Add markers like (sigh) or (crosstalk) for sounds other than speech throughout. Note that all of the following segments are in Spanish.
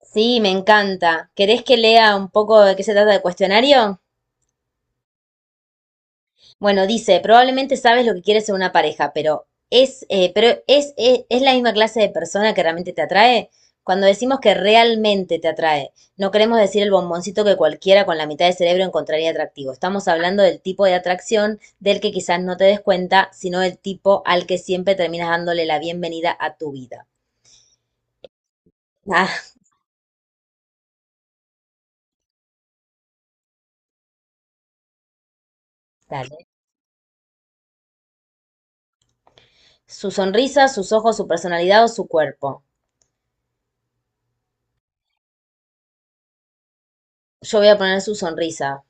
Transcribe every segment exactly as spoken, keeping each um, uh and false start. Sí, me encanta. ¿Querés que lea un poco de qué se trata el cuestionario? Bueno, dice, probablemente sabes lo que quieres en una pareja, pero es, eh, pero es, es, es la misma clase de persona que realmente te atrae. Cuando decimos que realmente te atrae, no queremos decir el bomboncito que cualquiera con la mitad de cerebro encontraría atractivo. Estamos hablando del tipo de atracción del que quizás no te des cuenta, sino del tipo al que siempre terminas dándole la bienvenida a tu vida. Ah, dale. Su sonrisa, sus ojos, su personalidad o su cuerpo. Yo voy a poner su sonrisa.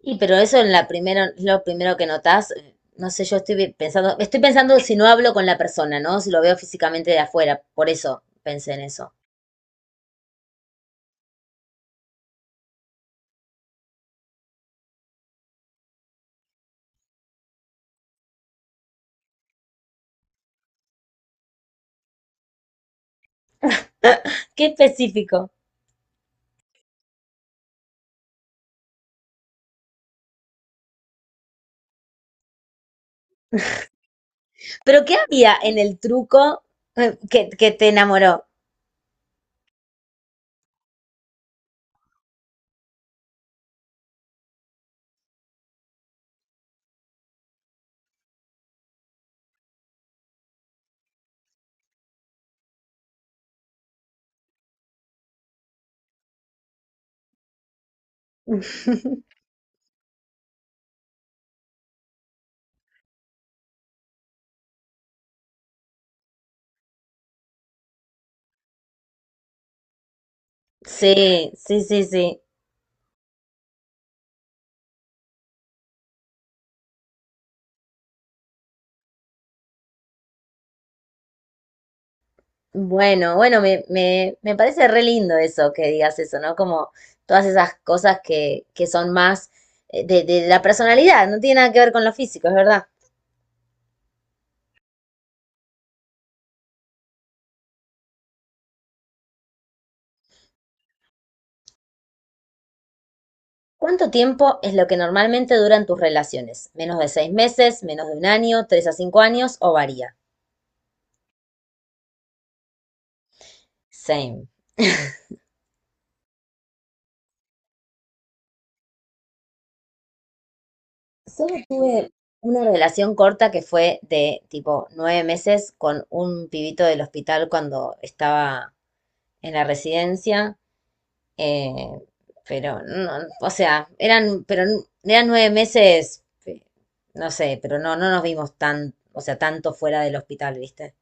Y pero eso en la primera, lo primero que notás, eh, no sé, yo estoy pensando, estoy pensando si no hablo con la persona, ¿no? Si lo veo físicamente de afuera, por eso pensé en eso. (laughs) Qué específico. Pero ¿qué había en el truco eh, que, que te enamoró? (laughs) Sí, sí, sí, sí. Bueno, bueno, me, me, me parece re lindo eso que digas eso, ¿no? Como todas esas cosas que, que son más eh, de, de la personalidad, no tiene nada que ver con lo físico, es verdad. ¿Cuánto tiempo es lo que normalmente duran tus relaciones? ¿Menos de seis meses, menos de un año, tres a cinco años o varía? Same. Solo tuve una relación corta que fue de tipo nueve meses con un pibito del hospital cuando estaba en la residencia. Eh, pero no, o sea, eran, pero n- eran nueve meses, eh, no sé, pero no, no nos vimos tan, o sea, tanto fuera del hospital, ¿viste?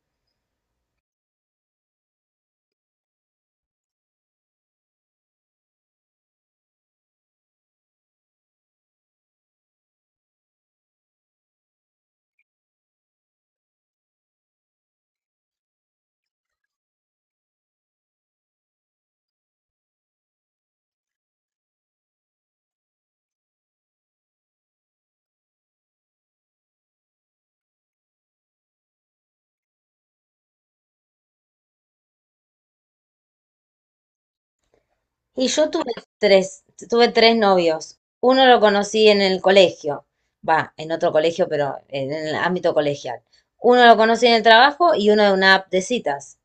Y yo tuve tres, tuve tres novios. Uno lo conocí en el colegio, va, en otro colegio, pero en el ámbito colegial. Uno lo conocí en el trabajo y uno de una app de citas.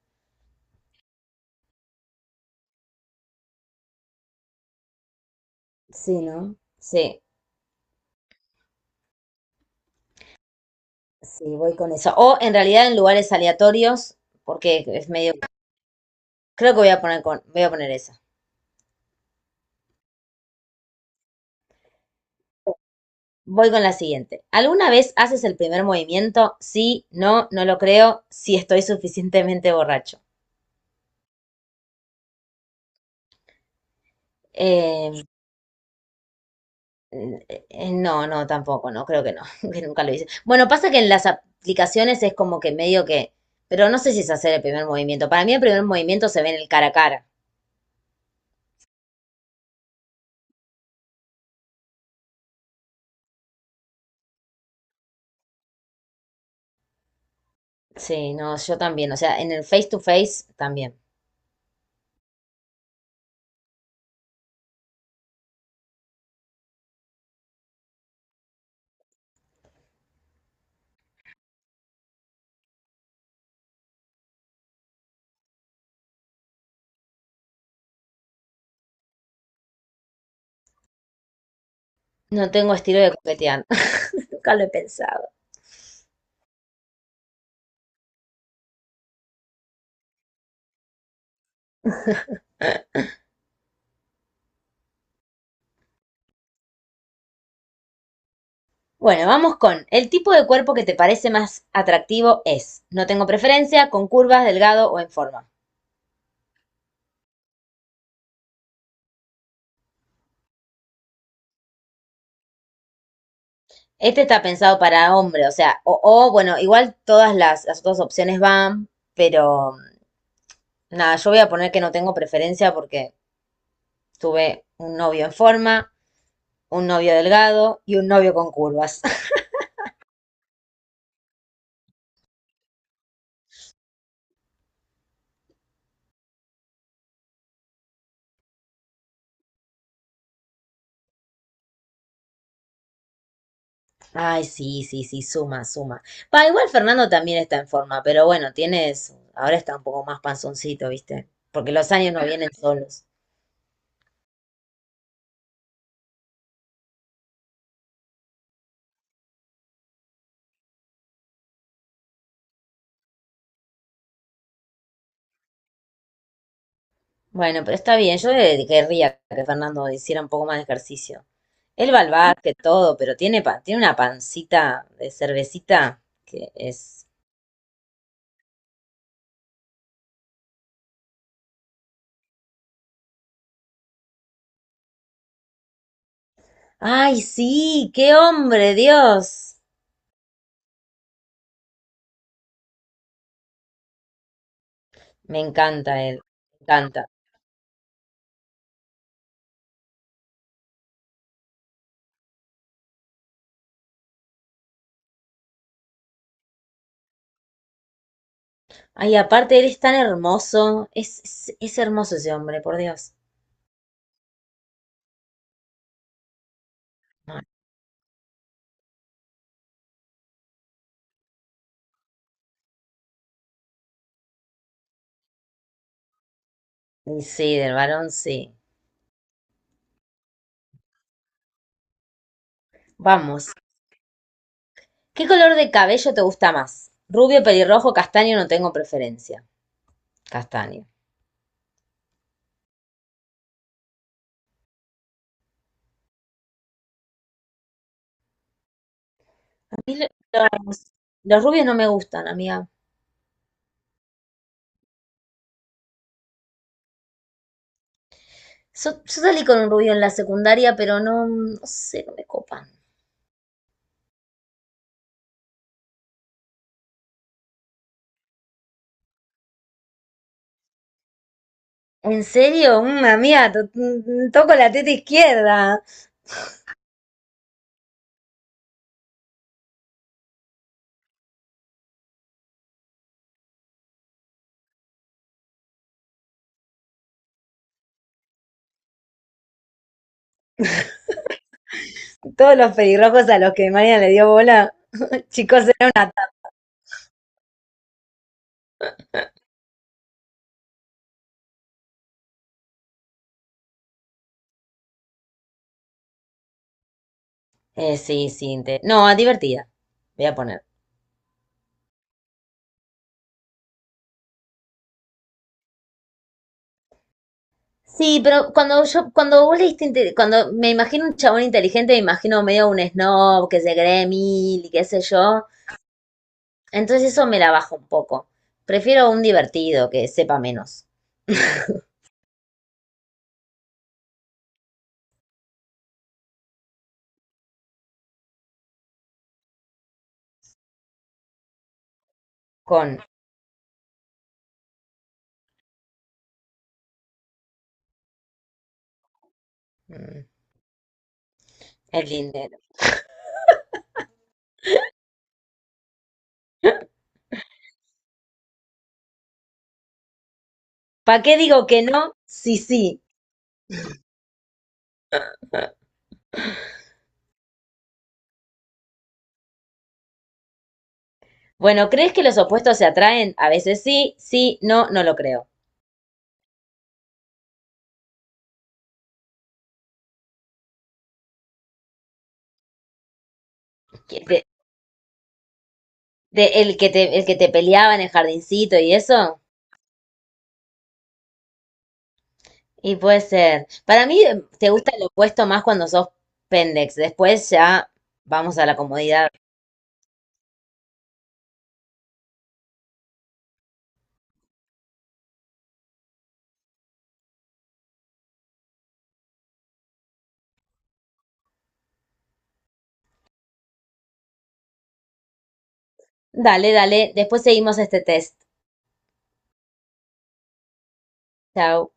Sí, ¿no? Sí, sí, voy con eso. O en realidad en lugares aleatorios, porque es medio. Creo que voy a poner con, voy a poner esa. Voy con la siguiente. ¿Alguna vez haces el primer movimiento? Sí, no, no lo creo, si estoy suficientemente borracho. Eh, eh, eh, no, no, tampoco, no, creo que no, (laughs) que nunca lo hice. Bueno, pasa que en las aplicaciones es como que medio que, pero no sé si es hacer el primer movimiento. Para mí el primer movimiento se ve en el cara a cara. Sí, no, yo también, o sea, en el face to face también. No tengo estilo de coquetear. (laughs) Nunca lo he pensado. Bueno, vamos con el tipo de cuerpo que te parece más atractivo es. No tengo preferencia, con curvas, delgado o en forma. Este está pensado para hombre, o sea, o, o, bueno, igual todas las, las otras opciones van, pero mm, nada, yo voy a poner que no tengo preferencia porque tuve un novio en forma, un novio delgado y un novio con curvas. (laughs) Ay, sí, sí, sí, suma, suma. Pa igual Fernando también está en forma, pero bueno, tienes, ahora está un poco más panzoncito, ¿viste? Porque los años no vienen solos. Bueno, pero está bien, yo eh, querría que Fernando hiciera un poco más de ejercicio. Él va al básquet, todo, pero tiene, pa- tiene una pancita de cervecita que es. Ay, sí, qué hombre, Dios. Me encanta él, me encanta. Ay, aparte, él es tan hermoso, es, es, es hermoso ese hombre, por Dios. Y sí, del varón sí. Vamos. ¿Qué color de cabello te gusta más? Rubio, pelirrojo, castaño, no tengo preferencia. Castaño. A mí lo- los, los rubios no me gustan, amiga. So- yo salí con un rubio en la secundaria, pero no, no sé, no me copan. ¿En serio? Mm, amiga, to- mm, toco la teta izquierda. Todos los pelirrojos a los que María le dio bola. Chicos, eh, Eh, sí, sí. inte- No, divertida. Voy a poner. Sí, pero cuando yo, cuando vos leíste, inte- cuando me imagino un chabón inteligente, me imagino medio un snob que se cree mil y qué sé yo. Entonces eso me la baja un poco. Prefiero un divertido que sepa menos con mm, el dinero. ¿Para qué digo que no? Sí, sí. Bueno, ¿crees que los opuestos se atraen? A veces sí, sí, no, no lo creo. Que te- te- el que te, el que te peleaba en el jardincito y eso. Y puede ser. Para mí eh, te gusta el opuesto más cuando sos pendex. Después ya vamos a la comodidad. Dale, dale. Después seguimos este test. Chao.